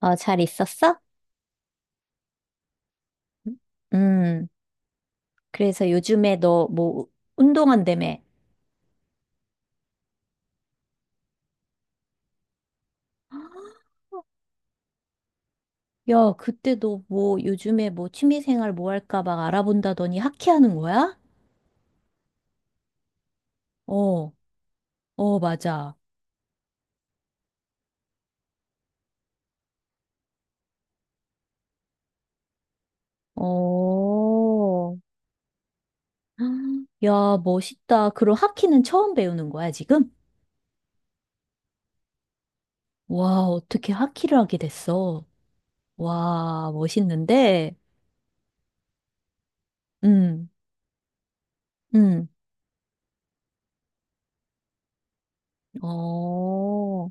어, 잘 있었어? 음, 그래서 요즘에 너 뭐, 운동한다며. 야, 그때 너 뭐, 요즘에 뭐, 취미생활 뭐 할까 막 알아본다더니 하키하는 거야? 어, 어, 맞아. 어, 야, 멋있다. 그럼 하키는 처음 배우는 거야, 지금? 와, 어떻게 하키를 하게 됐어? 와, 멋있는데? 음, 음, 어.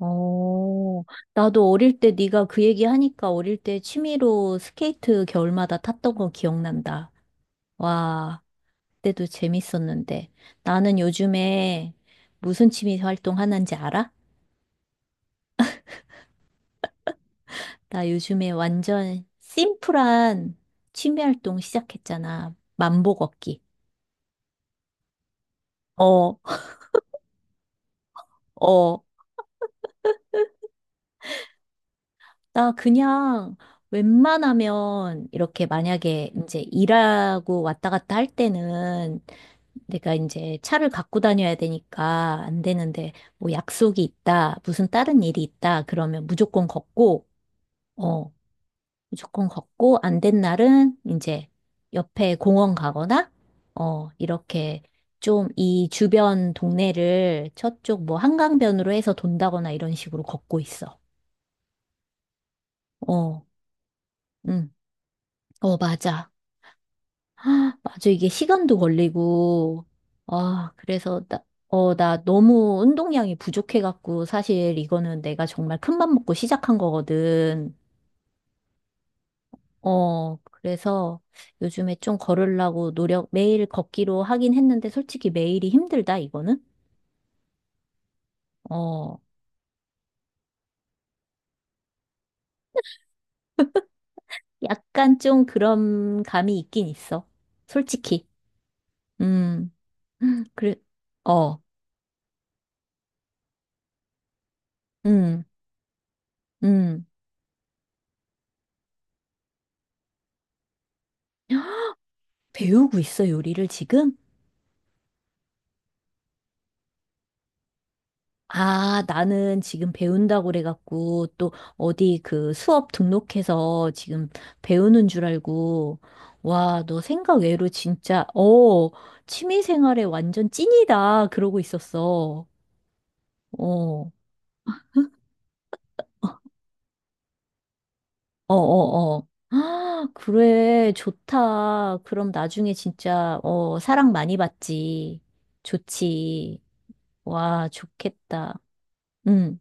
어, 나도 어릴 때 네가 그 얘기 하니까 어릴 때 취미로 스케이트 겨울마다 탔던 거 기억난다. 와, 그때도 재밌었는데. 나는 요즘에 무슨 취미 활동 하는지 알아? 나 요즘에 완전 심플한 취미 활동 시작했잖아. 만보 걷기. 어, 어. 나 그냥 웬만하면 이렇게 만약에 이제 일하고 왔다 갔다 할 때는 내가 이제 차를 갖고 다녀야 되니까 안 되는데, 뭐 약속이 있다, 무슨 다른 일이 있다 그러면 무조건 걷고, 어, 무조건 걷고 안 된 날은 이제 옆에 공원 가거나, 어, 이렇게 좀 이 주변 동네를 저쪽 뭐 한강변으로 해서 돈다거나 이런 식으로 걷고 있어. 어, 응. 어, 맞아. 아, 맞아. 이게 시간도 걸리고, 아, 그래서 나, 어, 나 너무 운동량이 부족해갖고, 사실 이거는 내가 정말 큰맘 먹고 시작한 거거든. 어, 그래서 요즘에 좀 걸으려고 노력, 매일 걷기로 하긴 했는데, 솔직히 매일이 힘들다, 이거는. 어, 약간 좀 그런 감이 있긴 있어. 솔직히. 음, 그래, 어, 음, 음. 배우고 있어, 요리를 지금? 아, 나는 지금 배운다고 그래갖고, 또 어디 그 수업 등록해서 지금 배우는 줄 알고, 와, 너 생각 외로 진짜, 어, 취미 생활에 완전 찐이다. 그러고 있었어. 어, 어, 어, 어. 아, 그래, 좋다. 그럼 나중에 진짜, 어, 사랑 많이 받지. 좋지. 와, 좋겠다. 응,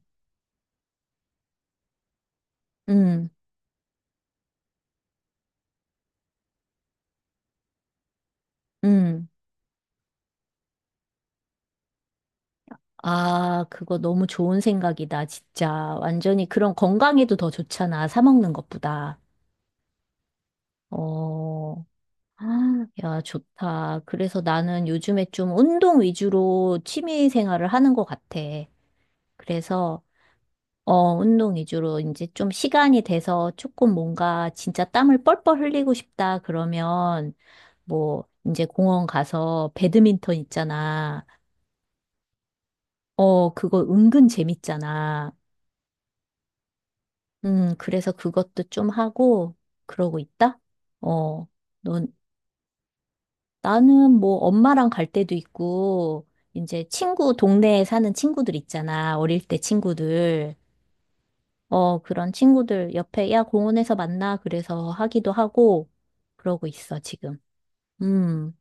응, 응. 아, 그거 너무 좋은 생각이다, 진짜. 완전히 그런 건강에도 더 좋잖아, 사 먹는 것보다. 어, 아, 야, 좋다. 그래서 나는 요즘에 좀 운동 위주로 취미 생활을 하는 것 같아. 그래서, 어, 운동 위주로 이제 좀 시간이 돼서 조금 뭔가 진짜 땀을 뻘뻘 흘리고 싶다, 그러면, 뭐, 이제 공원 가서 배드민턴 있잖아. 어, 그거 은근 재밌잖아. 그래서 그것도 좀 하고 그러고 있다? 어, 넌, 나는 뭐 엄마랑 갈 때도 있고, 이제 친구, 동네에 사는 친구들 있잖아. 어릴 때 친구들. 어, 그런 친구들 옆에, 야, 공원에서 만나. 그래서 하기도 하고, 그러고 있어, 지금. 음,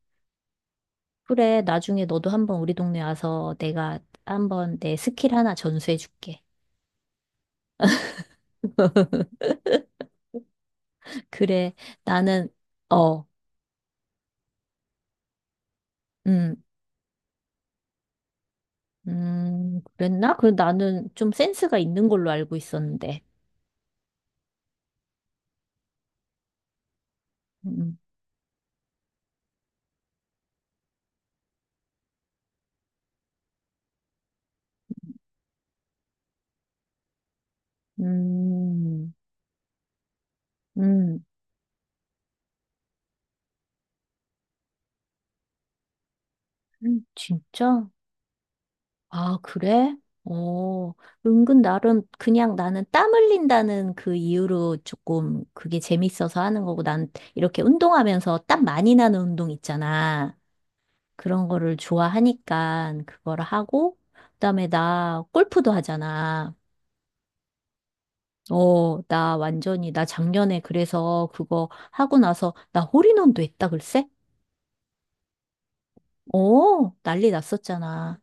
그래. 나중에 너도 한번 우리 동네 와서 내가 한번 내 스킬 하나 전수해 줄게. 그래. 나는, 어, 음. 그랬나? 그 나는 좀 센스가 있는 걸로 알고 있었는데. 음, 음, 음, 진짜? 아, 그래? 어, 은근 나름 그냥 나는 땀 흘린다는 그 이유로 조금 그게 재밌어서 하는 거고 난 이렇게 운동하면서 땀 많이 나는 운동 있잖아. 그런 거를 좋아하니까 그거를 하고 그다음에 나 골프도 하잖아. 어, 나 완전히, 나 작년에 그래서 그거 하고 나서 나 홀인원도 했다, 글쎄? 어, 난리 났었잖아.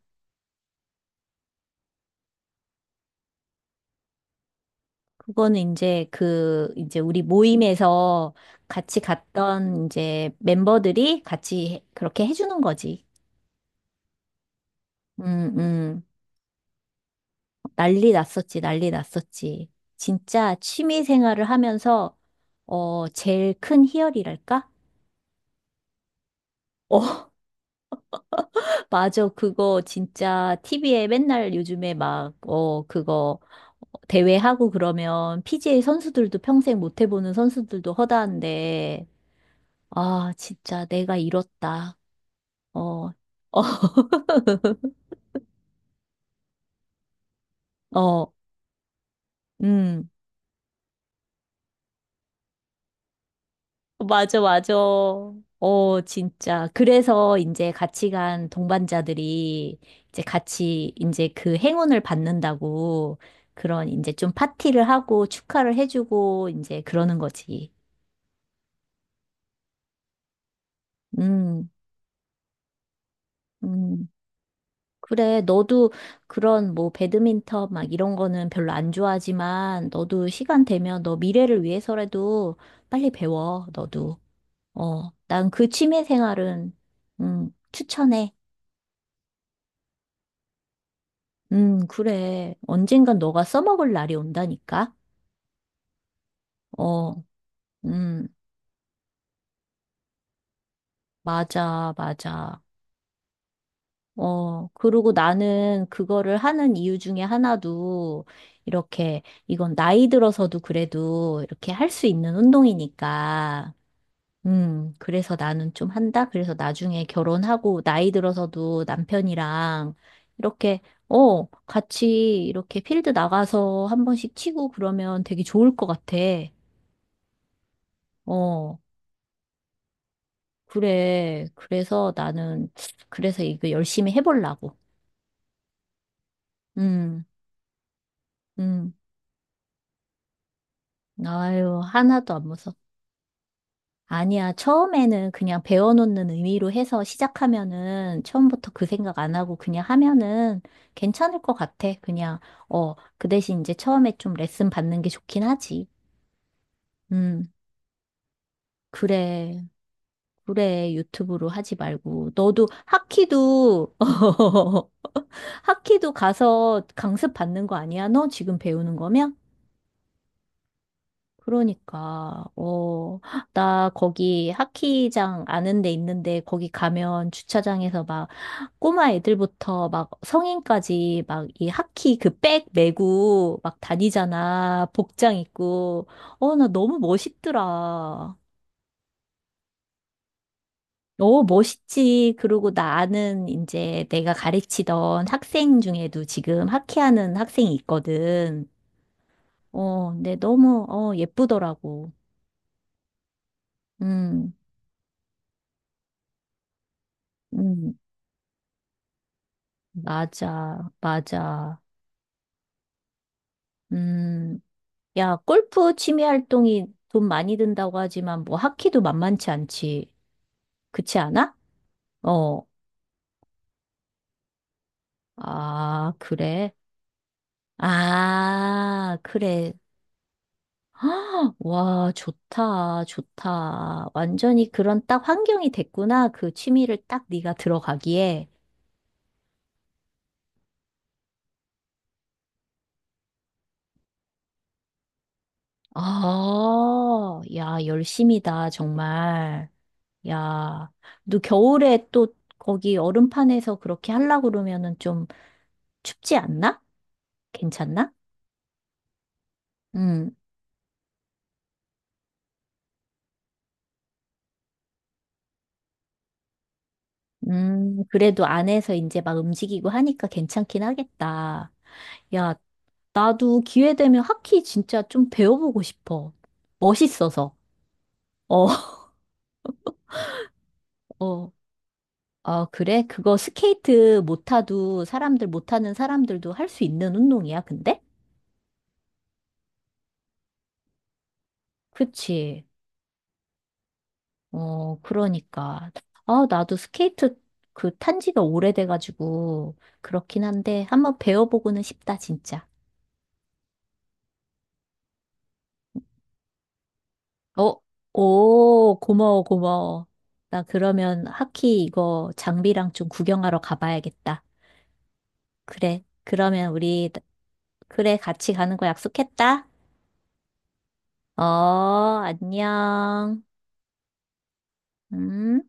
그거는 이제 그, 이제 우리 모임에서 같이 갔던 이제 멤버들이 같이 그렇게 해주는 거지. 음, 음. 난리 났었지, 난리 났었지. 진짜 취미 생활을 하면서, 어, 제일 큰 희열이랄까? 어, 맞아. 그거 진짜 TV에 맨날 요즘에 막, 어, 그거 대회하고 그러면 PGA 선수들도 평생 못 해보는 선수들도 허다한데, 아, 진짜 내가 이렇다. 어, 어, 어, 음, 맞아, 맞아. 어, 진짜. 그래서 이제 같이 간 동반자들이 이제 같이 이제 그 행운을 받는다고 그런 이제 좀 파티를 하고 축하를 해주고 이제 그러는 거지. 음. 음, 그래. 너도 그런 뭐 배드민턴 막 이런 거는 별로 안 좋아하지만 너도 시간 되면 너 미래를 위해서라도 빨리 배워. 너도. 어, 난 그 취미 생활은 추천해. 그래. 언젠간 너가 써먹을 날이 온다니까. 어, 음, 맞아, 맞아. 어, 그리고 나는 그거를 하는 이유 중에 하나도 이렇게 이건 나이 들어서도 그래도 이렇게 할 수 있는 운동이니까. 그래서 나는 좀 한다. 그래서 나중에 결혼하고 나이 들어서도 남편이랑 이렇게 어, 같이 이렇게 필드 나가서 한 번씩 치고 그러면 되게 좋을 것 같아. 어, 그래. 그래서 나는 그래서 이거 열심히 해보려고. 음, 음. 아유, 하나도 안 무서워. 아니야, 처음에는 그냥 배워놓는 의미로 해서 시작하면은 처음부터 그 생각 안 하고 그냥 하면은 괜찮을 것 같아. 그냥, 어, 그 대신 이제 처음에 좀 레슨 받는 게 좋긴 하지. 음, 그래. 그래, 유튜브로 하지 말고. 너도 하키도, 하키도 가서 강습 받는 거 아니야? 너 지금 배우는 거면? 그러니까, 어, 나 거기 하키장 아는 데 있는데 거기 가면 주차장에서 막 꼬마 애들부터 막 성인까지 막 이 하키 그 백 메고 막 다니잖아. 복장 입고. 어, 나 너무 멋있더라. 어, 멋있지. 그리고 나 아는 이제 내가 가르치던 학생 중에도 지금 하키하는 학생이 있거든. 어, 근데 너무, 어, 예쁘더라고. 음, 음. 맞아, 맞아. 음, 야, 골프 취미 활동이 돈 많이 든다고 하지만 뭐 하키도 만만치 않지. 그렇지 않아? 어. 아, 그래. 아, 그래. 헉, 와, 좋다, 좋다. 완전히 그런 딱 환경이 됐구나. 그 취미를 딱 네가 들어가기에. 아, 야, 열심이다, 정말. 야, 너 겨울에 또 거기 얼음판에서 그렇게 하려고 그러면은 좀 춥지 않나? 괜찮나? 음, 그래도 안에서 이제 막 움직이고 하니까 괜찮긴 하겠다. 야, 나도 기회 되면 하키 진짜 좀 배워보고 싶어. 멋있어서. 어, 어. 아, 그래? 그거 스케이트 못 타도 사람들 못 타는 사람들도 할 수 있는 운동이야, 근데? 그치. 어, 그러니까. 아, 나도 스케이트 그 탄 지가 오래돼가지고, 그렇긴 한데, 한번 배워보고는 싶다, 진짜. 어, 오, 고마워, 고마워. 나 그러면 하키 이거 장비랑 좀 구경하러 가봐야겠다. 그래. 그러면 우리, 그래, 같이 가는 거 약속했다. 어, 안녕. 음.